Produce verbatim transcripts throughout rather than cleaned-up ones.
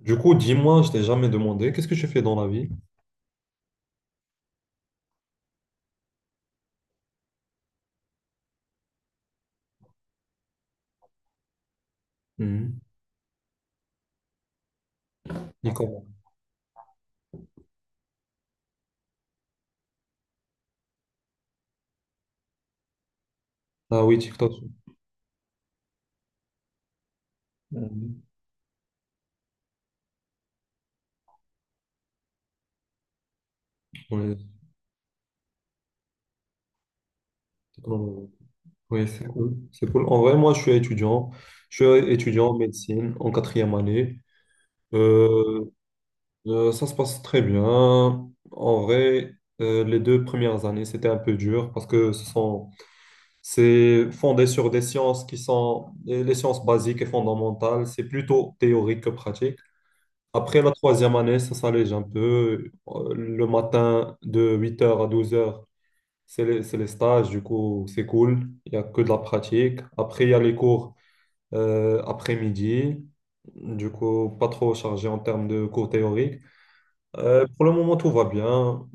Du coup, dis-moi, je t'ai jamais demandé, qu'est-ce que tu fais dans la vie? Mhm. Et comment? Ah oui, TikTok. Mhm. Oui, technologie. Oui, c'est cool. C'est cool. En vrai, moi, je suis étudiant. Je suis étudiant en médecine en quatrième année. Euh, euh, Ça se passe très bien. En vrai, euh, les deux premières années, c'était un peu dur parce que ce sont, c'est fondé sur des sciences qui sont les sciences basiques et fondamentales. C'est plutôt théorique que pratique. Après la troisième année, ça s'allège un peu. Euh, Le matin, de huit heures à douze heures, c'est les, c'est les stages, du coup, c'est cool. Il n'y a que de la pratique. Après, il y a les cours euh, après-midi. Du coup, pas trop chargé en termes de cours théoriques. Euh, pour le moment, tout va bien.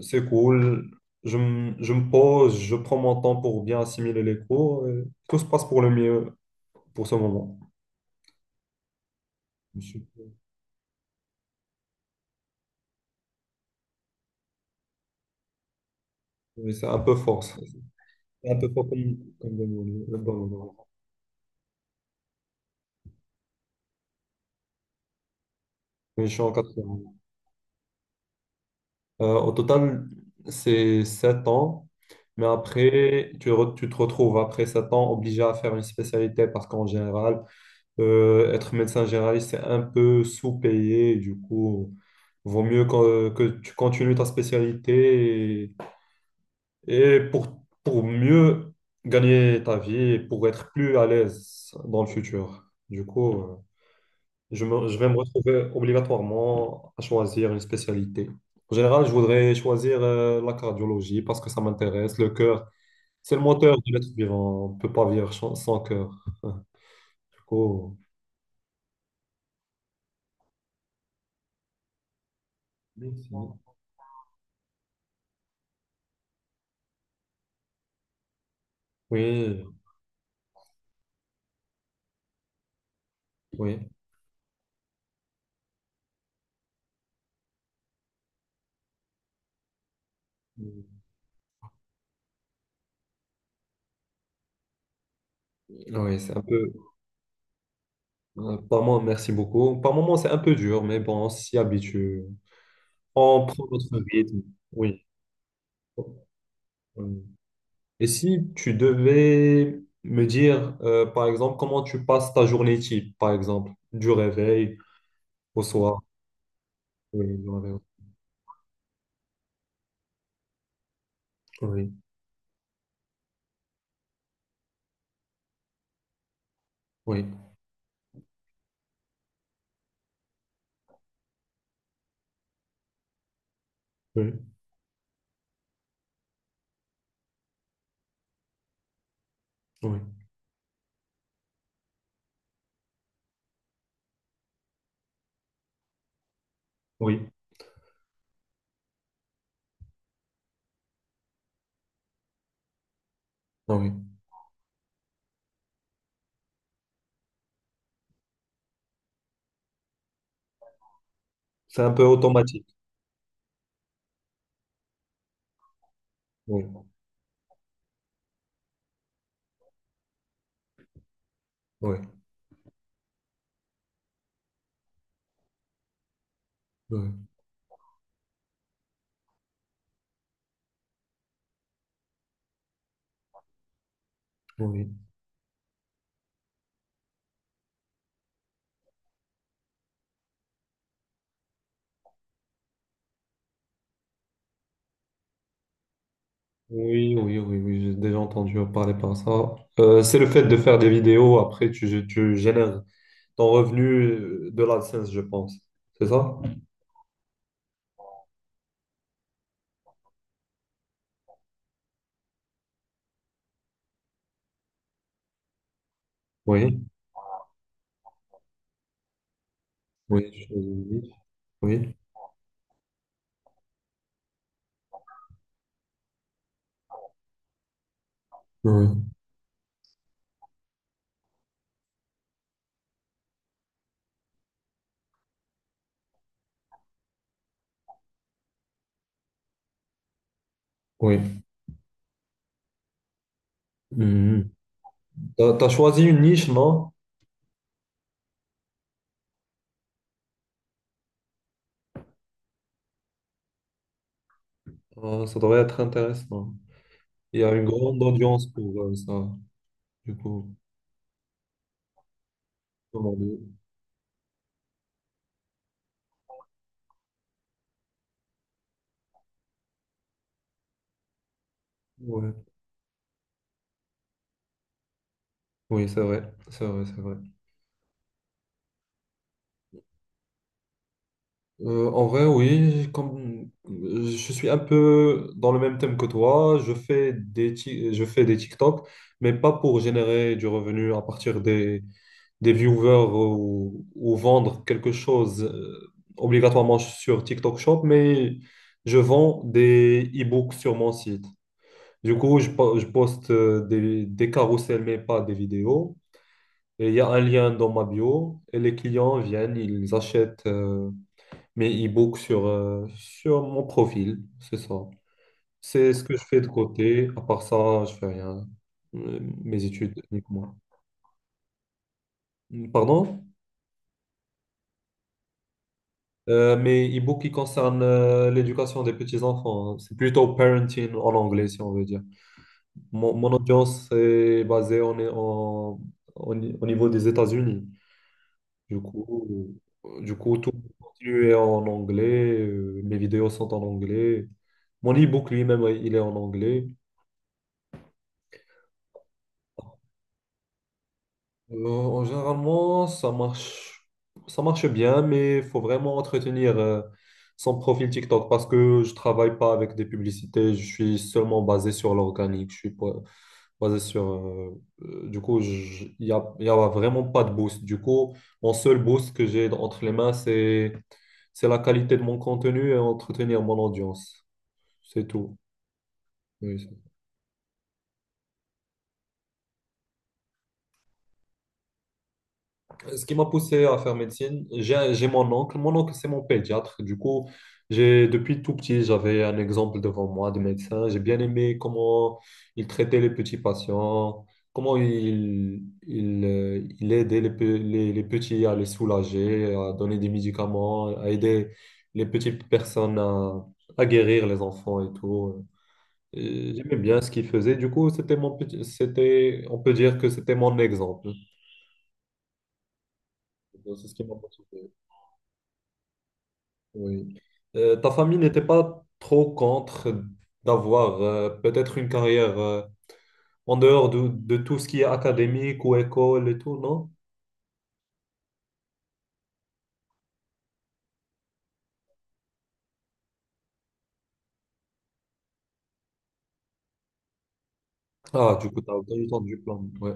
C'est cool. Je, me- je me pose, je prends mon temps pour bien assimiler les cours. euh, Tout se passe pour le mieux pour ce moment. Je suis- C'est un peu fort, ça. C'est un peu fort comme, comme dans le- dans le- Oui, je suis en quatrième. Euh, au total, c'est sept ans. Mais après, tu, re- tu te retrouves après sept ans obligé à faire une spécialité parce qu'en général, euh, être médecin généraliste, c'est un peu sous-payé. Du coup, vaut mieux que, que tu continues ta spécialité et, et pour, pour mieux gagner ta vie et pour être plus à l'aise dans le futur. Du coup, euh, Je, me- je vais me retrouver obligatoirement à choisir une spécialité. En général, je voudrais choisir euh, la cardiologie parce que ça m'intéresse. Le cœur, c'est le moteur de l'être vivant. On ne peut pas vivre sans sans cœur. Du coup, oui, oui. Oui, c'est un peu. euh, Par moment, merci beaucoup. Par moment, c'est un peu dur, mais bon, on s'y habitue. On prend notre rythme. Oui. Oui. Et si tu devais me dire, euh, par exemple, comment tu passes ta journée type, par exemple, du réveil au soir. Oui, du réveil au- Oui, oui, oui, oui, oui, ah oui. C'est un peu automatique. Oui, oui, oui, oui. Oui, oui, oui, oui, j'ai déjà entendu parler par ça. Euh, c'est le fait de faire des vidéos, après tu, tu génères ton revenu euh, de l'AdSense, je pense. C'est ça? Oui, oui, je- oui, oui, oui. Oui. Mhm. T'as, t'as choisi une niche, non? Euh, ça devrait être intéressant. Il y a une grande audience pour euh, ça, du coup. Demander. Ouais. Oui, c'est vrai, c'est vrai, c'est vrai. Euh, en vrai, oui, comme je suis un peu dans le même thème que toi, je fais des, ti- je fais des TikTok, mais pas pour générer du revenu à partir des, des viewers ou, ou vendre quelque chose euh, obligatoirement sur TikTok Shop, mais je vends des e-books sur mon site. Du coup, je, po- je poste euh, des, des carousels, mais pas des vidéos. Et il y a un lien dans ma bio. Et les clients viennent, ils achètent euh, mes e-books sur, euh, sur mon profil. C'est ça. C'est ce que je fais de côté. À part ça, je fais rien. Euh, Mes études, uniquement. Pardon? Euh, mes e-books qui concernent euh, l'éducation des petits-enfants, hein. C'est plutôt parenting en anglais, si on veut dire. Mon, mon audience est basée en, en, au ni- au niveau des États-Unis. Du coup, euh, du coup, tout continue est en anglais. euh, Mes vidéos sont en anglais. Mon e-book lui-même, euh, il est en anglais. Euh, en généralement, ça marche, ça marche bien, mais il faut vraiment entretenir euh, son profil TikTok parce que je travaille pas avec des publicités. Je suis seulement basé sur l'organique. Je suis pas- Basé sur. Euh, euh, du coup, il y a, y a vraiment pas de boost. Du coup, mon seul boost que j'ai entre les mains, c'est c'est la qualité de mon contenu et entretenir mon audience. C'est tout. Oui. c'est- Ce qui m'a poussé à faire médecine, j'ai j'ai mon oncle. Mon oncle, c'est mon pédiatre. Du coup, j'ai depuis tout petit, j'avais un exemple devant moi de médecin. J'ai bien aimé comment il traitait les petits patients, comment il, il, euh, il aidait les, pe- les, les petits à les soulager, à donner des médicaments, à aider les petites personnes à, à guérir les enfants et tout. Et j'aimais bien ce qu'il faisait. Du coup, c'était mon petit- c'était, on peut dire que c'était mon exemple. C'est ce qui m'a motivé. Oui. Euh, ta famille n'était pas trop contre d'avoir euh, peut-être une carrière euh, en dehors de, de tout ce qui est académique ou école et tout, non? Ah, du coup, t'as as obtenu ton diplôme. Ouais.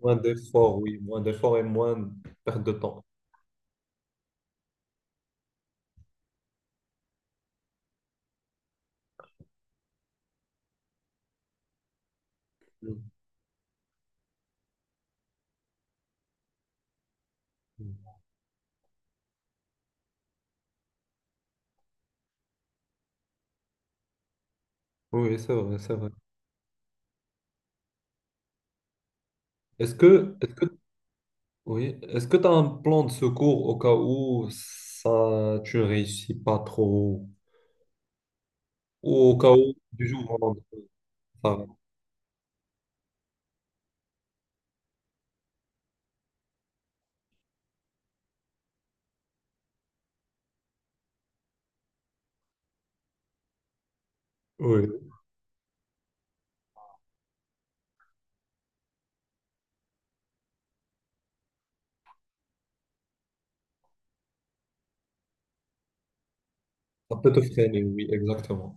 Moins d'efforts, oui. Moins d'efforts et moins de perte de temps. Mm. Oui, c'est vrai, c'est vrai. Est-ce que, est-ce que Oui. Est-ce que tu as un plan de secours au cas où ça, tu ne réussis pas trop ou au cas où du jour au lendemain, ça, va. Oui, ça peut te freiner, oui, exactement.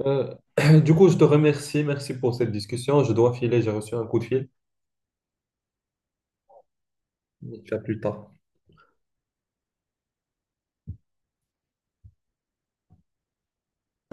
Euh, du coup, je te remercie. Merci pour cette discussion. Je dois filer, j'ai reçu un coup de fil. À plus tard.